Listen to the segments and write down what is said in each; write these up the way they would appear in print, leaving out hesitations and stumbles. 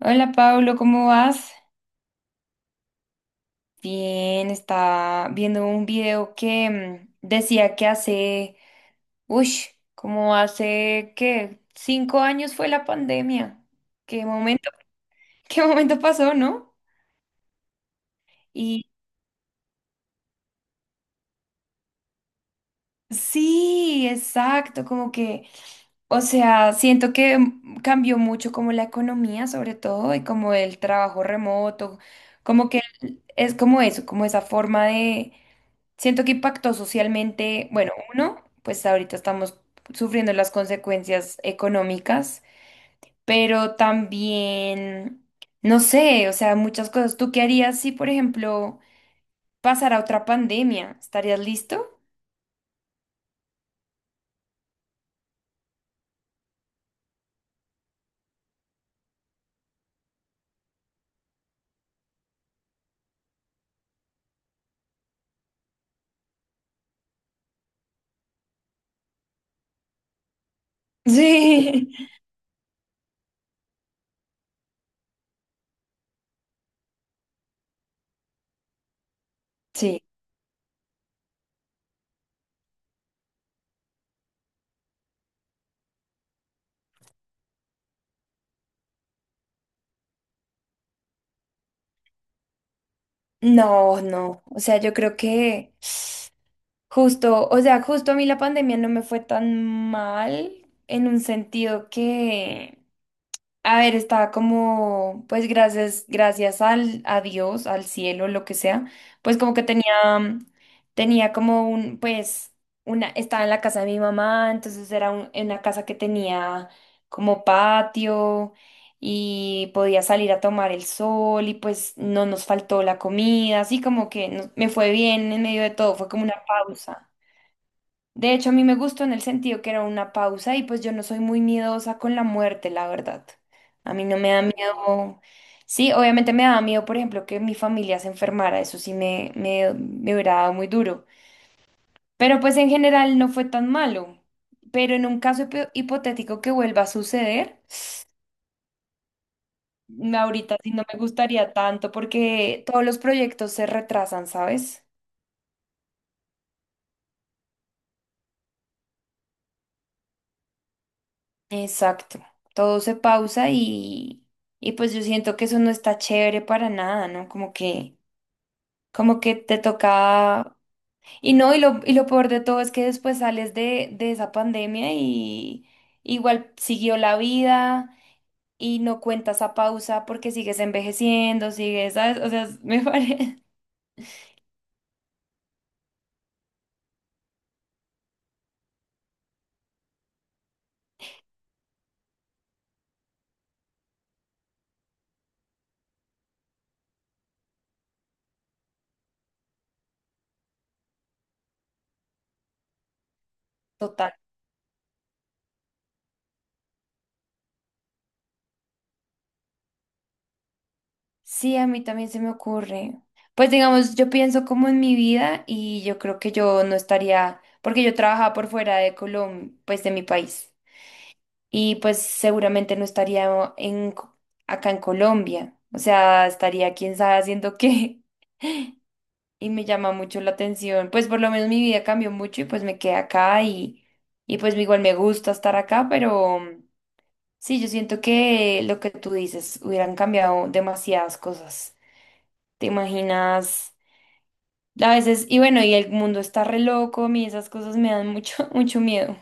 Hola Pablo, ¿cómo vas? Bien, estaba viendo un video que decía que hace, uy, como hace que cinco años fue la pandemia. ¿Qué momento, qué momento pasó, no? Y sí, exacto, como que, o sea, siento que cambió mucho como la economía, sobre todo, y como el trabajo remoto, como que es como eso, como esa forma de. Siento que impactó socialmente. Bueno, uno, pues ahorita estamos sufriendo las consecuencias económicas, pero también, no sé, o sea, muchas cosas. ¿Tú qué harías si, por ejemplo, pasara otra pandemia? ¿Estarías listo? Sí, sí. No, no. O sea, yo creo que justo, o sea, justo a mí la pandemia no me fue tan mal en un sentido que... A ver, estaba como, pues gracias al, a Dios, al cielo, lo que sea, pues como que tenía, mm, tenía como un, pues, una, estaba en la casa de mi mamá, entonces era un- en una casa que tenía como patio y podía salir a tomar el sol y pues no nos faltó la comida, así como que no- me fue bien en medio de todo, fue como una pausa. De hecho, a mí me gustó en el sentido que era una pausa y pues yo no soy muy miedosa con la muerte, la verdad. A mí no me da miedo. Sí, obviamente me daba miedo, por ejemplo, que mi familia se enfermara. Eso sí me hubiera dado muy duro. Pero pues en general no fue tan malo. Pero en un caso hipo- hipotético que vuelva a suceder, ahorita sí no me gustaría tanto porque todos los proyectos se retrasan, ¿sabes? Exacto, todo se pausa y pues yo siento que eso no está chévere para nada, ¿no? Como que te toca... Y no, y lo peor de todo es que después sales de esa pandemia y igual siguió la vida y no cuentas a pausa porque sigues envejeciendo, sigues, ¿sabes? O sea, me parece total. Sí, a mí también se me ocurre. Pues digamos, yo pienso como en mi vida y yo creo que yo no estaría, porque yo trabajaba por fuera de Colombia, pues de mi país, y pues seguramente no estaría en, Co- acá en Colombia, o sea, estaría quién sabe haciendo qué, y me llama mucho la atención, pues por lo menos mi vida cambió mucho y pues me quedé acá y pues igual me gusta estar acá, pero sí, yo siento que lo que tú dices, hubieran cambiado demasiadas cosas. ¿Te imaginas? A veces, y bueno, y el mundo está re loco, a mí esas cosas me dan mucho, mucho miedo.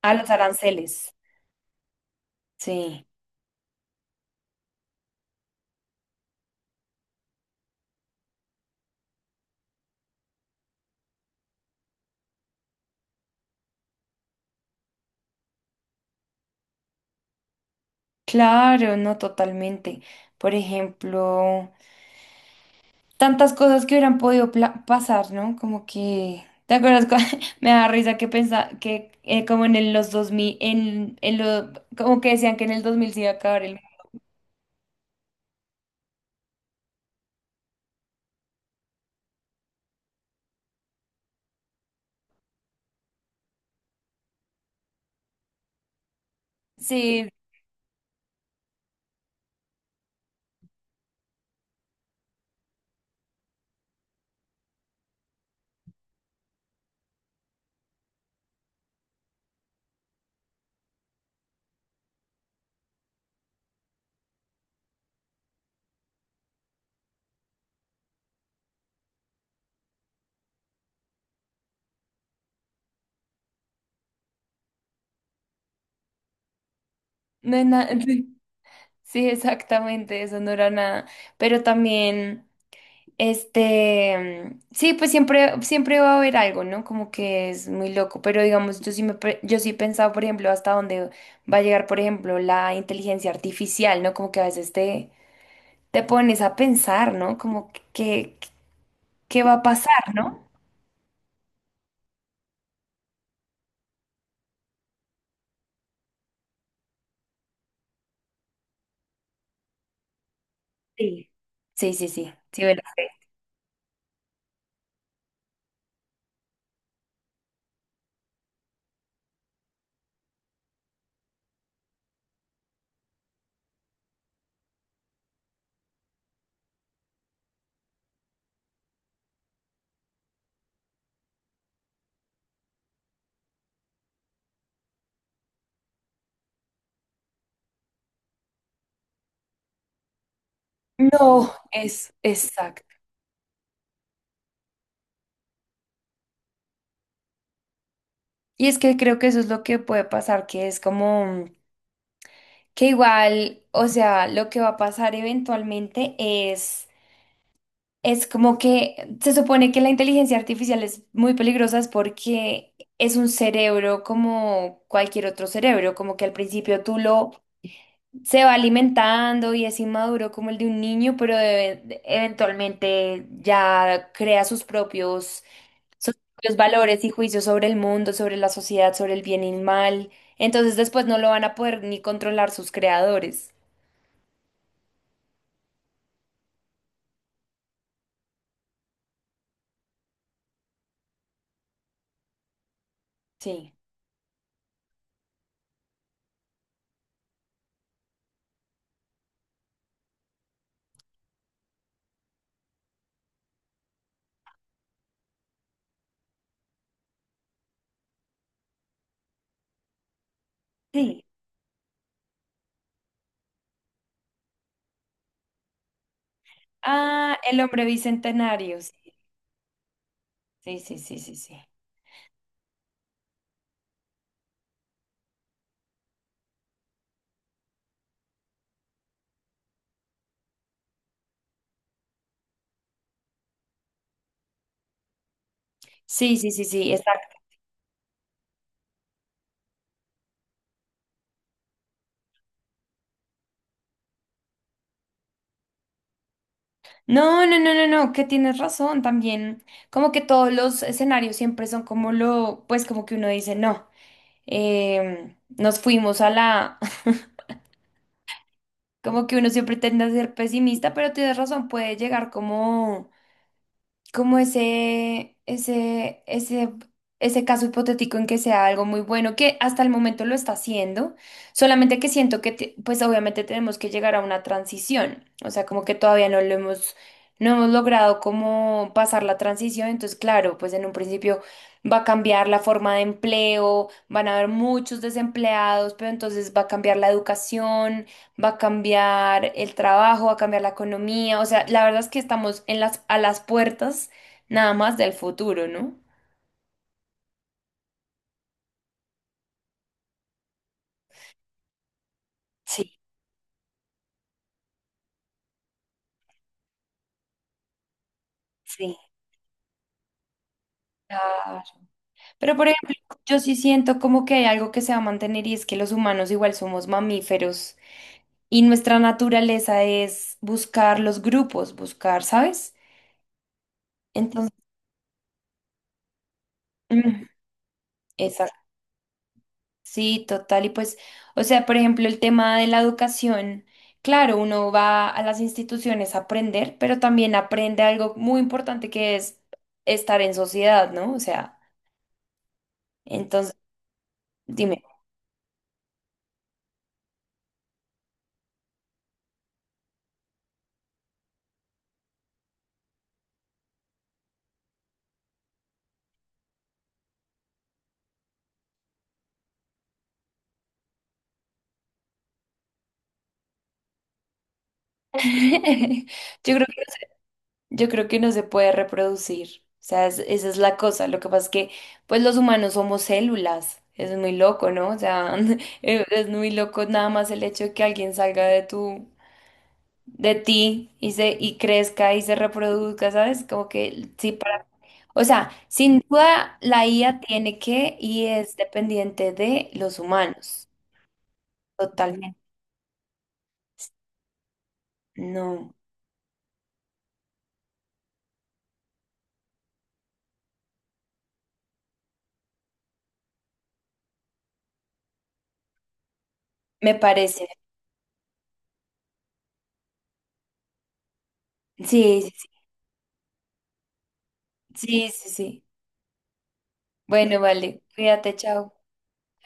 A los aranceles. Sí, claro, no, totalmente. Por ejemplo, tantas cosas que hubieran podido pla- pasar, ¿no? Como que, ¿te acuerdas? Cua- Me da risa que pensaba que como en el- los 2000 en lo, como que decían que en el 2000 se iba a acabar el... mundo. Sí, no es nada. Sí, exactamente, eso no era nada. Pero también... Este, sí, pues siempre, siempre va a haber algo, ¿no? Como que es muy loco, pero digamos, yo sí me, pre- yo sí he pensado, por ejemplo, hasta dónde va a llegar, por ejemplo, la inteligencia artificial, ¿no? Como que a veces te, te pones a pensar, ¿no? Como que- ¿qué va a pasar, ¿no? Sí. Sí, sí, sí, sí, ¿verdad? No, es exacto. Y es que creo que eso es lo que puede pasar, que es como que igual, o sea, lo que va a pasar eventualmente es. Es como que se supone que la inteligencia artificial es muy peligrosa es porque es un cerebro como cualquier otro cerebro, como que al principio tú lo se va alimentando y es inmaduro como el de un niño, pero e- eventualmente ya crea sus propios valores y juicios sobre el mundo, sobre la sociedad, sobre el bien y el mal. Entonces después no lo van a poder ni controlar sus creadores. Sí. Sí. Ah, el hombre bicentenario. Sí, sí, sí, sí, sí. sí. Sí, sí, sí, sí, exacto. No, no, no, no, no, que tienes razón también. Como que todos los escenarios siempre son como lo, pues como que uno dice, no, nos fuimos a la, como que uno siempre tiende a ser pesimista, pero tienes razón, puede llegar como... como ese, ese caso hipotético en que sea algo muy bueno, que hasta el momento lo está haciendo, solamente que siento que, te- pues obviamente tenemos que llegar a una transición, o sea, como que todavía no lo hemos, no hemos logrado como pasar la transición, entonces claro, pues en un principio va a cambiar la forma de empleo, van a haber muchos desempleados, pero entonces va a cambiar la educación, va a cambiar el trabajo, va a cambiar la economía. O sea, la verdad es que estamos en las, a las puertas nada más del futuro, ¿no? Sí, sí. Claro. Pero por ejemplo, yo sí siento como que hay algo que se va a mantener y es que los humanos igual somos mamíferos y nuestra naturaleza es buscar los grupos, buscar, ¿sabes? Entonces, mm, exacto. Sí, total. Y pues, o sea, por ejemplo, el tema de la educación, claro, uno va a las instituciones a aprender, pero también aprende algo muy importante que es estar en sociedad, ¿no? O sea, entonces, dime, yo creo que, yo creo que no se puede reproducir. O sea, es- esa es la cosa. Lo que pasa es que, pues, los humanos somos células. Es muy loco, ¿no? O sea, es muy loco nada más el hecho de que alguien salga de tu de ti y se y crezca y se reproduzca, ¿sabes? Como que sí para, o sea, sin duda la IA tiene que y es dependiente de los humanos, totalmente. No, me parece. Sí, sí, sí, sí, sí. sí. Bueno, vale. Cuídate, chao.